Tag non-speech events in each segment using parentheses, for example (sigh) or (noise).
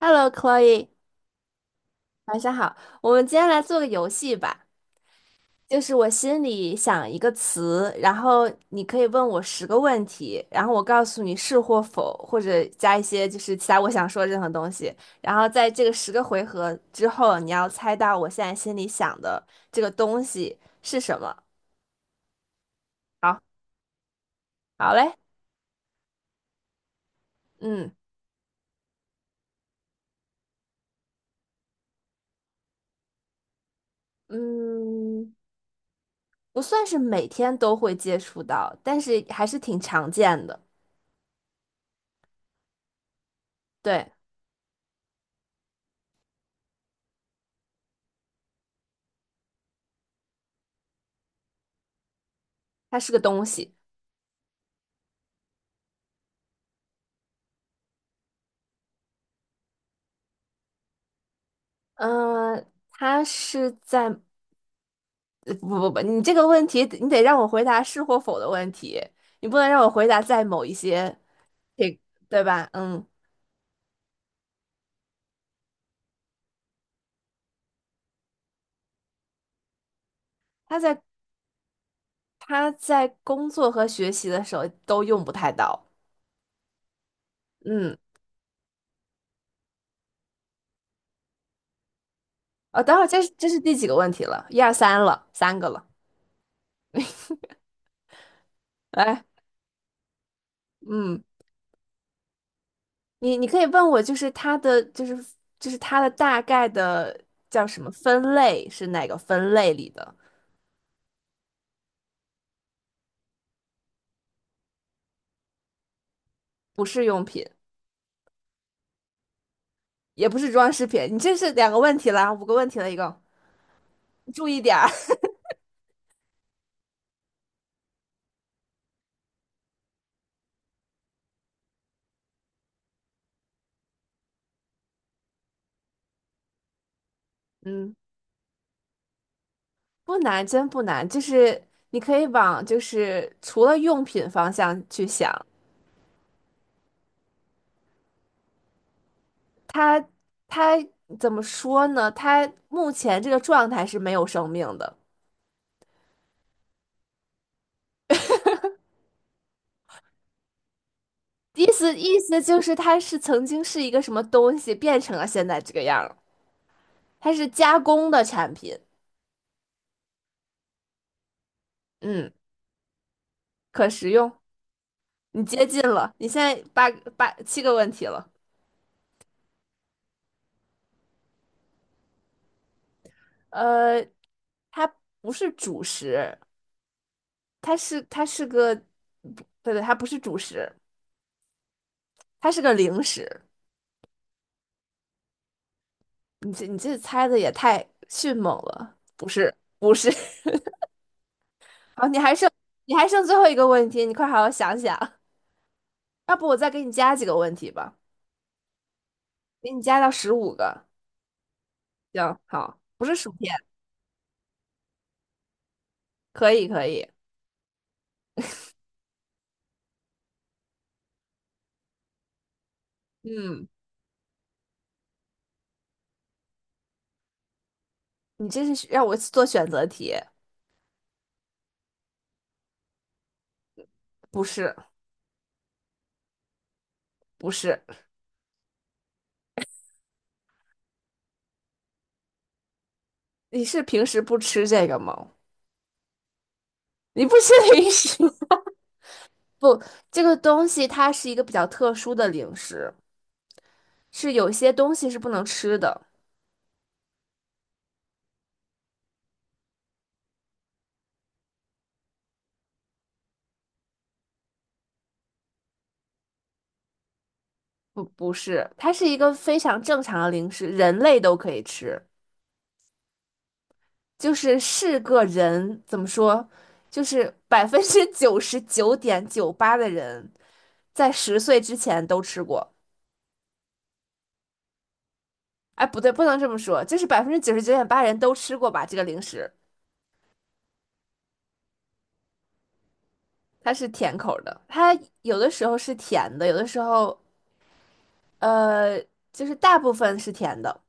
Hello, Chloe，晚上好。我们今天来做个游戏吧，就是我心里想一个词，然后你可以问我10个问题，然后我告诉你是或否，或者加一些就是其他我想说的任何东西。然后在这个10个回合之后，你要猜到我现在心里想的这个东西是什么。好，好嘞，嗯嗯，不算是每天都会接触到，但是还是挺常见的。对，它是个东西。嗯、呃他是在呃不不不，你这个问题你得让我回答是或否的问题，你不能让我回答在某一些，这对吧？嗯，他在他在工作和学习的时候都用不太到。嗯，哦，等会儿这是第几个问题了？一二三了，3个了。来，嗯，你可以问我，就是它的它的大概的叫什么分类是哪个分类里的不是用品？也不是装饰品。你这是2个问题了，5个问题了，一共，注意点儿。(laughs) 嗯，不难，真不难，就是你可以往就是除了用品方向去想，它它怎么说呢？它目前这个状态是没有生命的，意思就是它是曾经是一个什么东西变成了现在这个样儿，它是加工的产品，嗯，可食用。你接近了，你现在7个问题了。呃，它不是主食，它是个，不对对，它不是主食，它是个零食。你这猜的也太迅猛了，不是不是。(laughs) 好，你还剩最后一个问题，你快好好想想。要不我再给你加几个问题吧，给你加到15个。行，好，不是薯片，可以可以。嗯，你这是让我做选择题，不是不是。你是平时不吃这个吗？你不吃零食。不，这个东西它是一个比较特殊的零食，是有些东西是不能吃的，不是，它是一个非常正常的零食，人类都可以吃，就是是个人怎么说，就是99.98%的人在10岁之前都吃过，哎，不对，不能这么说，就是99.8%人都吃过吧，这个零食。它是甜口儿的，它有的时候是甜的，有的时候，呃，就是大部分是甜的。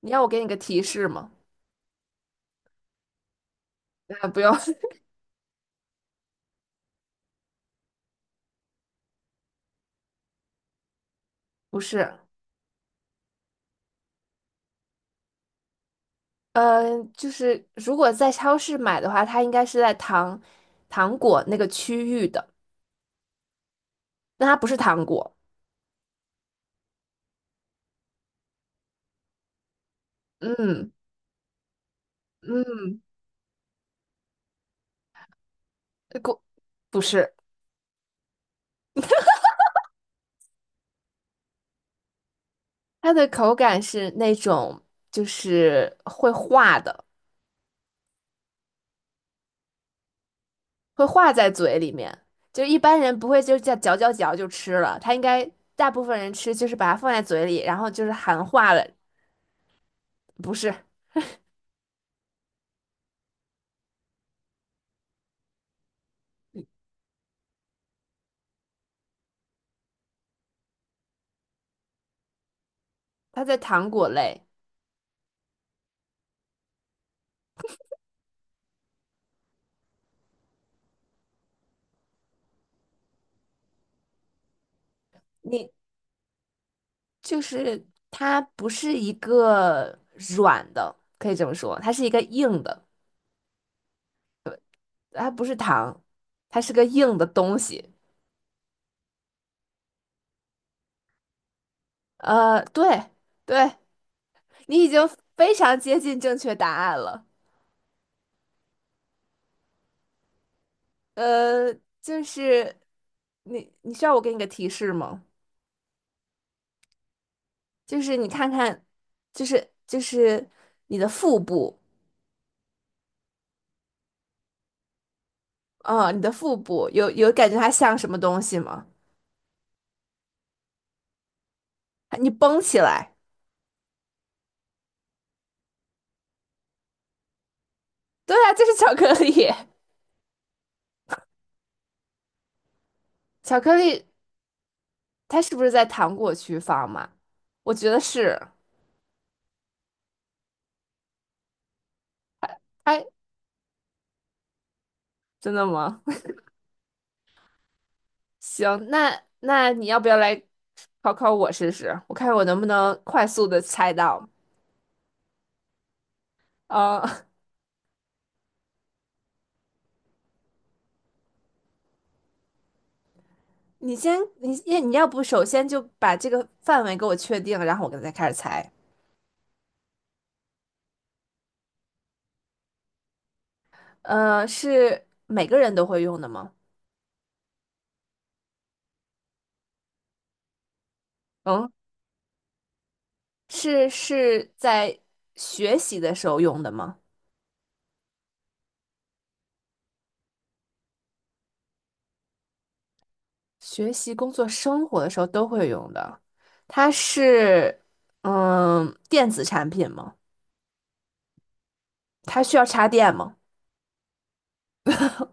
你要我给你个提示吗？啊，不用，(laughs) 不是，嗯、就是如果在超市买的话，它应该是在糖果那个区域的，但它不是糖果。嗯嗯，呃果不是，它的口感是那种就是会化的，会化在嘴里面，就一般人不会就这样嚼嚼嚼就吃了，它应该大部分人吃就是把它放在嘴里，然后就是含化了，不是，它在糖果类。你就是它不是一个软的，可以这么说，它是一个硬的，它不是糖，它是个硬的东西。对对，你已经非常接近正确答案了。呃，就是你需要我给你个提示吗？就是你看看，就是你的腹部，你的腹部有感觉它像什么东西吗？你绷起来，对啊，就是巧克力。(laughs) 巧克力他是不是在糖果区放嘛？我觉得是。哎，真的吗？(laughs) 行，那你要不要来考考我试试？我看我能不能快速的猜到。呃，(laughs) 你要不首先就把这个范围给我确定，然后我再开始猜。是每个人都会用的吗？嗯，是在学习的时候用的吗？学习、工作、生活的时候都会用的。它是电子产品吗？它需要插电吗？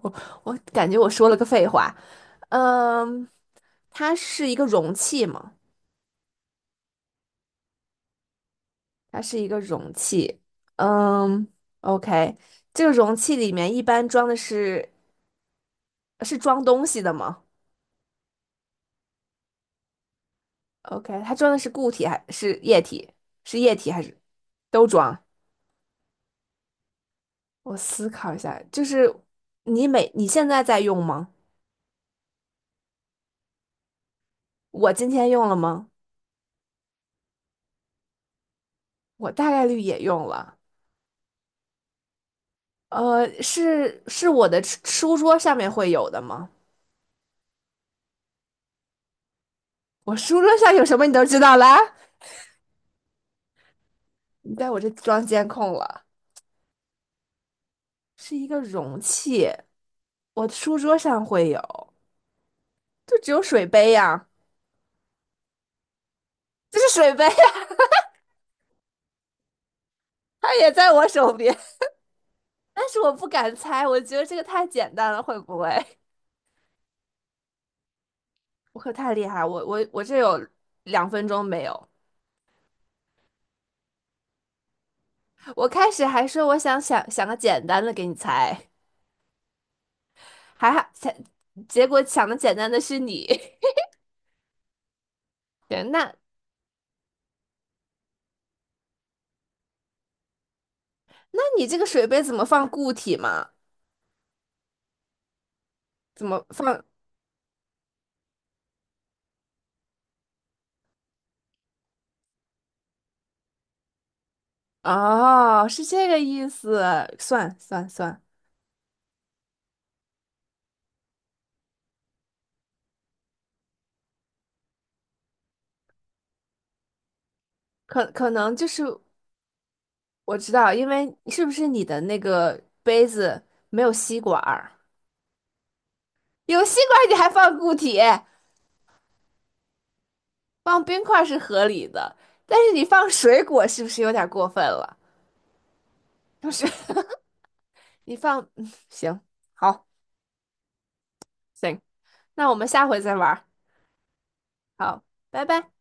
我我感觉我说了个废话。嗯，它是一个容器吗？它是一个容器。嗯，OK，这个容器里面一般装的是是装东西的吗？OK，它装的是固体还是液体？是液体还是都装？我思考一下，就是你现在在用吗？我今天用了吗？我大概率也用了。是我的书桌上面会有的吗？我书桌上有什么你都知道啦？你在我这装监控了，是一个容器，我书桌上会有，就只有水杯呀、这是水杯，(laughs) 它也在我手边，但是我不敢猜，我觉得这个太简单了，会不会？(laughs) 我可太厉害，我这有2分钟没有，我开始还说我想个简单的给你猜。还好，才结果想的简单的是你。(laughs) 对那你这个水杯怎么放固体嘛？怎么放？哦，是这个意思。算算算，可能就是我知道，因为是不是你的那个杯子没有吸管儿？有吸管儿你还放固体，放冰块儿是合理的，但是你放水果是不是有点过分了？就是 (laughs) 你放，行，好，行，那我们下回再玩儿。好，拜拜。